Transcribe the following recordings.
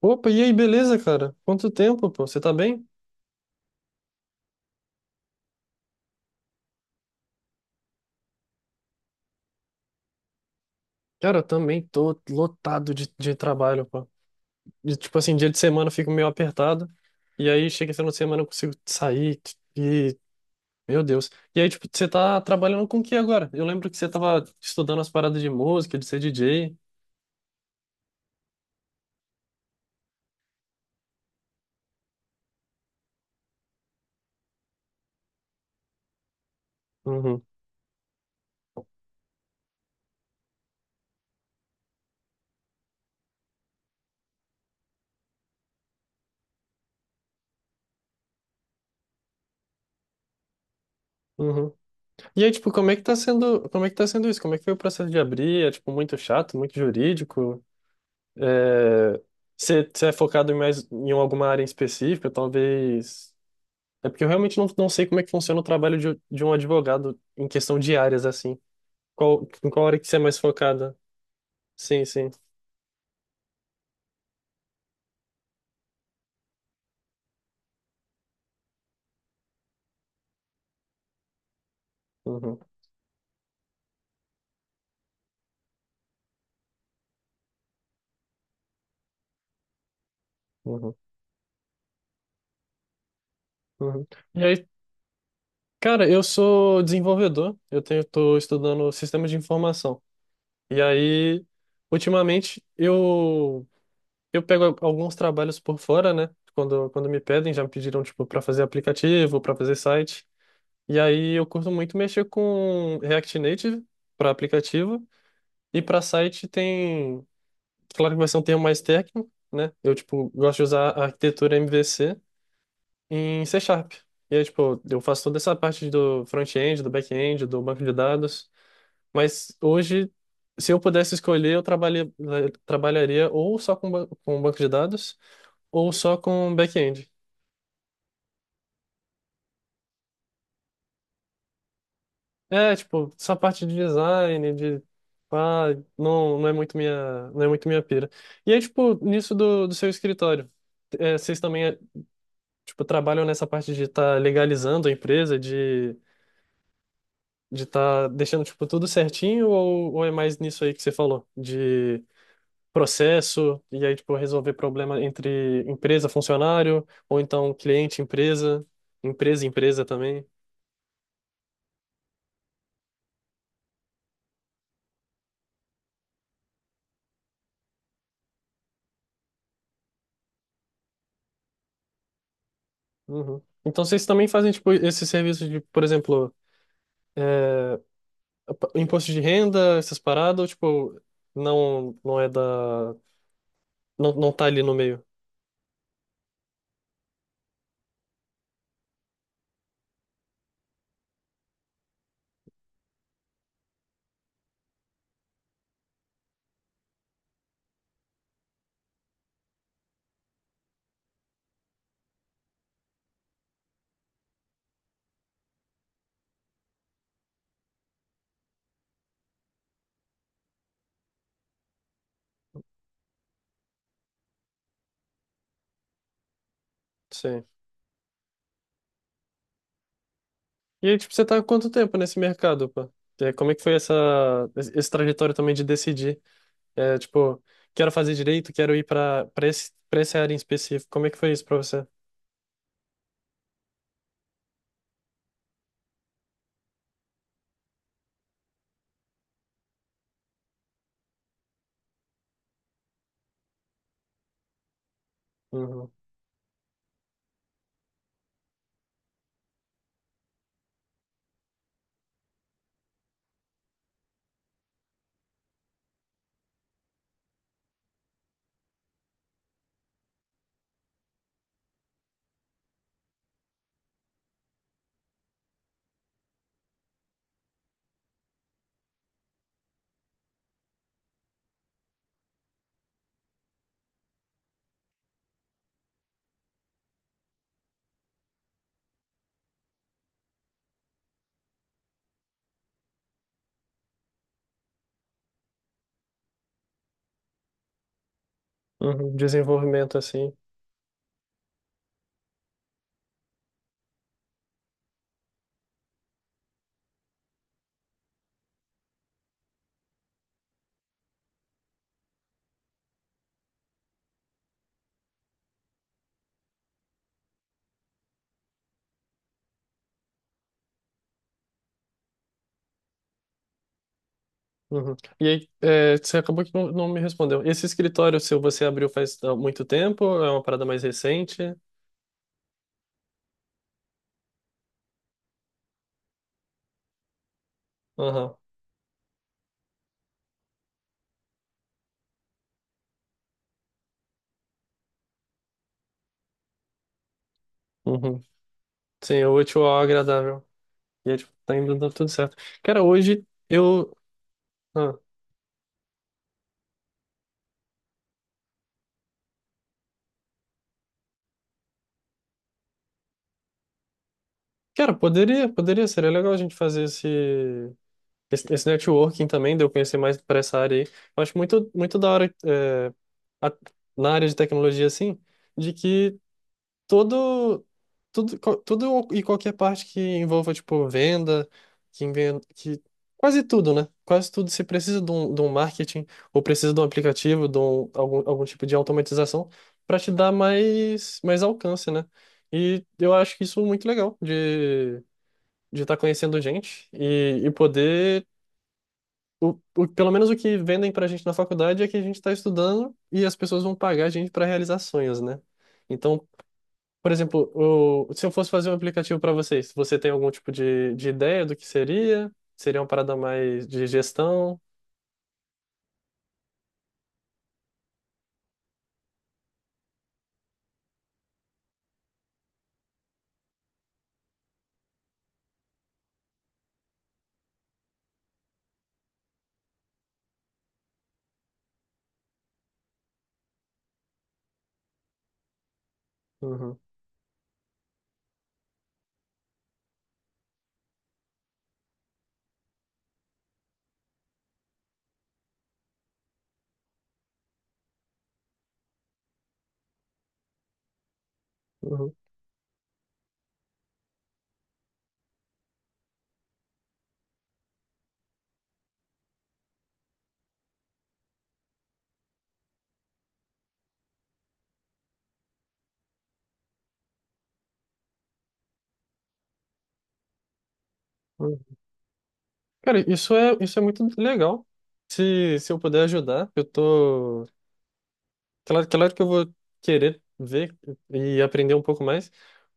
Opa, e aí, beleza, cara? Quanto tempo, pô? Você tá bem? Cara, eu também tô lotado de trabalho, pô. E, tipo assim, dia de semana eu fico meio apertado. E aí, chega esse final de semana eu consigo sair e. Meu Deus. E aí, tipo, você tá trabalhando com o que agora? Eu lembro que você tava estudando as paradas de música, de ser DJ. Uhum, uhum. E aí, tipo, como é que tá sendo, como é que tá sendo isso? Como é que foi o processo de abrir? É, tipo, muito chato, muito jurídico? É... você é focado em mais em alguma área em específica, talvez. É porque eu realmente não sei como é que funciona o trabalho de um advogado em questão de áreas, assim. Qual, em qual área que você é mais focada? Sim, sim. Uhum, uhum, uhum. E aí, cara, eu sou desenvolvedor, eu tenho, tô estudando sistemas de informação. E aí, ultimamente, eu pego alguns trabalhos por fora, né? Quando me pedem, já me pediram, tipo, para fazer aplicativo, para fazer site. E aí, eu curto muito mexer com React Native para aplicativo. E para site tem. Claro que vai ser um termo mais técnico, né? Eu, tipo, gosto de usar a arquitetura MVC em C#. E aí, tipo, eu faço toda essa parte do front-end, do back-end, do banco de dados. Mas hoje, se eu pudesse escolher, eu trabalhei, trabalharia ou só com banco de dados ou só com back-end. É, tipo, essa parte de design, de. Ah, não, não é muito minha, não é muito minha pira. E aí, tipo, nisso do seu escritório, vocês também tipo, trabalham nessa parte de estar legalizando a empresa, de estar deixando, tipo, tudo certinho, ou é mais nisso aí que você falou, de processo, e aí, tipo, resolver problema entre empresa, funcionário, ou então cliente, empresa, empresa, empresa também? Uhum. Então vocês também fazem, tipo, esse serviço de, por exemplo, é, imposto de renda, essas paradas, ou, tipo, não é da. Não, não tá ali no meio? Sim. E aí, tipo, você tá há quanto tempo nesse mercado, pô? É, como é que foi essa, esse trajetório também de decidir? É, tipo, quero fazer direito, quero ir pra essa área em específico. Como é que foi isso pra você? Uhum. Uhum. Desenvolvimento assim. Uhum. E aí, você acabou que não me respondeu. Esse escritório seu, você abriu faz muito tempo? É uma parada mais recente? Aham. Uhum. Sim, o útil ao agradável. E aí, tipo, tá indo dando tudo certo. Cara, hoje eu. ah, Cara, poderia, poderia, seria legal a gente fazer esse networking também, de eu conhecer mais para essa área aí. Eu acho muito, muito da hora, a- na área de tecnologia, assim, de que. Todo, tudo, tudo e qualquer parte que envolva, tipo, venda, que quase tudo, né? Quase tudo. Se precisa de um marketing, ou precisa de um aplicativo, algum, tipo de automatização, para te dar mais, mais alcance, né? E eu acho que isso é muito legal, de estar conhecendo gente e poder. Pelo menos o que vendem pra gente na faculdade é que a gente está estudando e as pessoas vão pagar a gente para realizar sonhos, né? Então, por exemplo, se eu fosse fazer um aplicativo para vocês, você tem algum tipo de ideia do que seria? Seria uma parada mais de gestão? Uhum, uhum, uhum. Cara, isso é muito legal. Se eu puder ajudar, eu tô. Claro, claro que eu vou querer ver e aprender um pouco mais.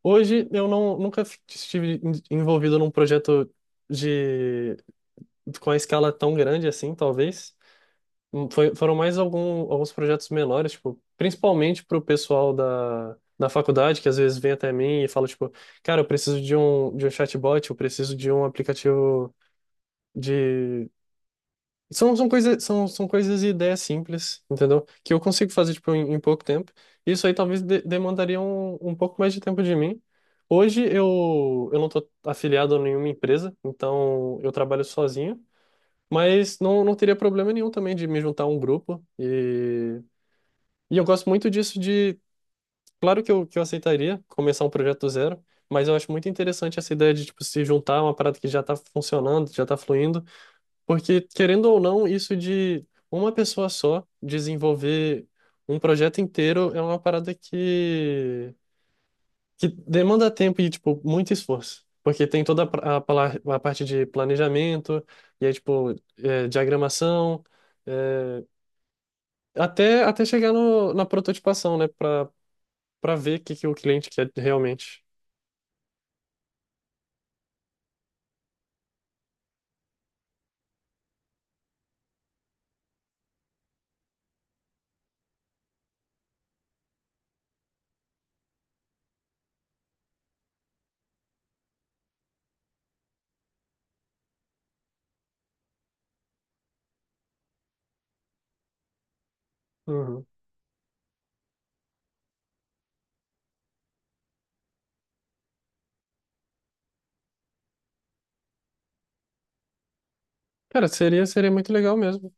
Hoje eu não, nunca estive envolvido num projeto de, com a escala tão grande assim, talvez. Foi, foram mais algum, alguns projetos menores, tipo, principalmente pro pessoal da faculdade, que às vezes vem até mim e fala, tipo, cara, eu preciso de um chatbot, eu preciso de um aplicativo de. São, são coisas, são coisas e ideias simples, entendeu? Que eu consigo fazer, tipo, em pouco tempo. Isso aí talvez demandaria um pouco mais de tempo de mim. Hoje eu não tô afiliado a nenhuma empresa, então eu trabalho sozinho. Mas não, não teria problema nenhum também de me juntar a um grupo e eu gosto muito disso de. Claro que eu aceitaria começar um projeto do zero, mas eu acho muito interessante essa ideia de, tipo, se juntar a uma parada que já está funcionando, já está fluindo, porque, querendo ou não, isso de uma pessoa só desenvolver um projeto inteiro é uma parada que demanda tempo e, tipo, muito esforço. Porque tem toda a parte de planejamento, e aí, tipo, diagramação, é, até chegar no, na prototipação, né? Para ver o que que o cliente quer realmente. Uhum. Cara, seria muito legal mesmo.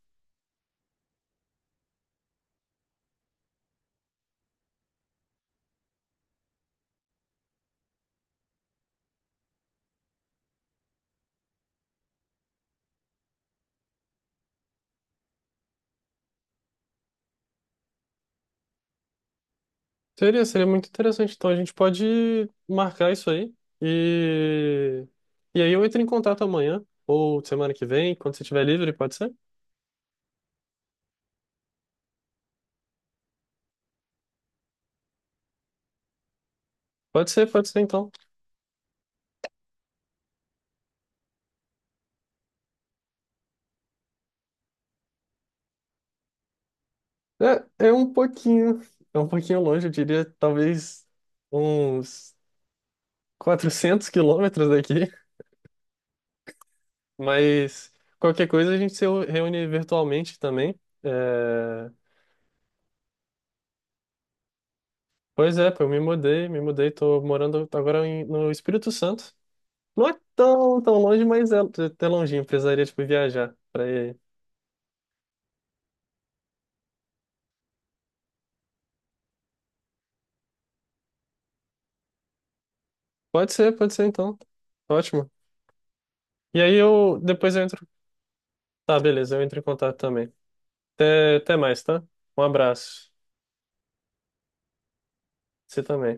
Seria muito interessante. Então a gente pode marcar isso aí e e aí eu entro em contato amanhã ou semana que vem, quando você estiver livre, pode ser? Pode ser, pode ser então. É um pouquinho, é um pouquinho longe, eu diria, talvez uns 400 km daqui, mas qualquer coisa a gente se reúne virtualmente também. Pois é, pô, eu me mudei, tô morando agora no Espírito Santo. Não é tão, tão longe, mas é até longinho, precisaria, tipo, viajar pra ir. Pode ser então. Ótimo. E aí eu, depois eu entro. Tá, beleza, eu entro em contato também. Até mais, tá? Um abraço. Você também.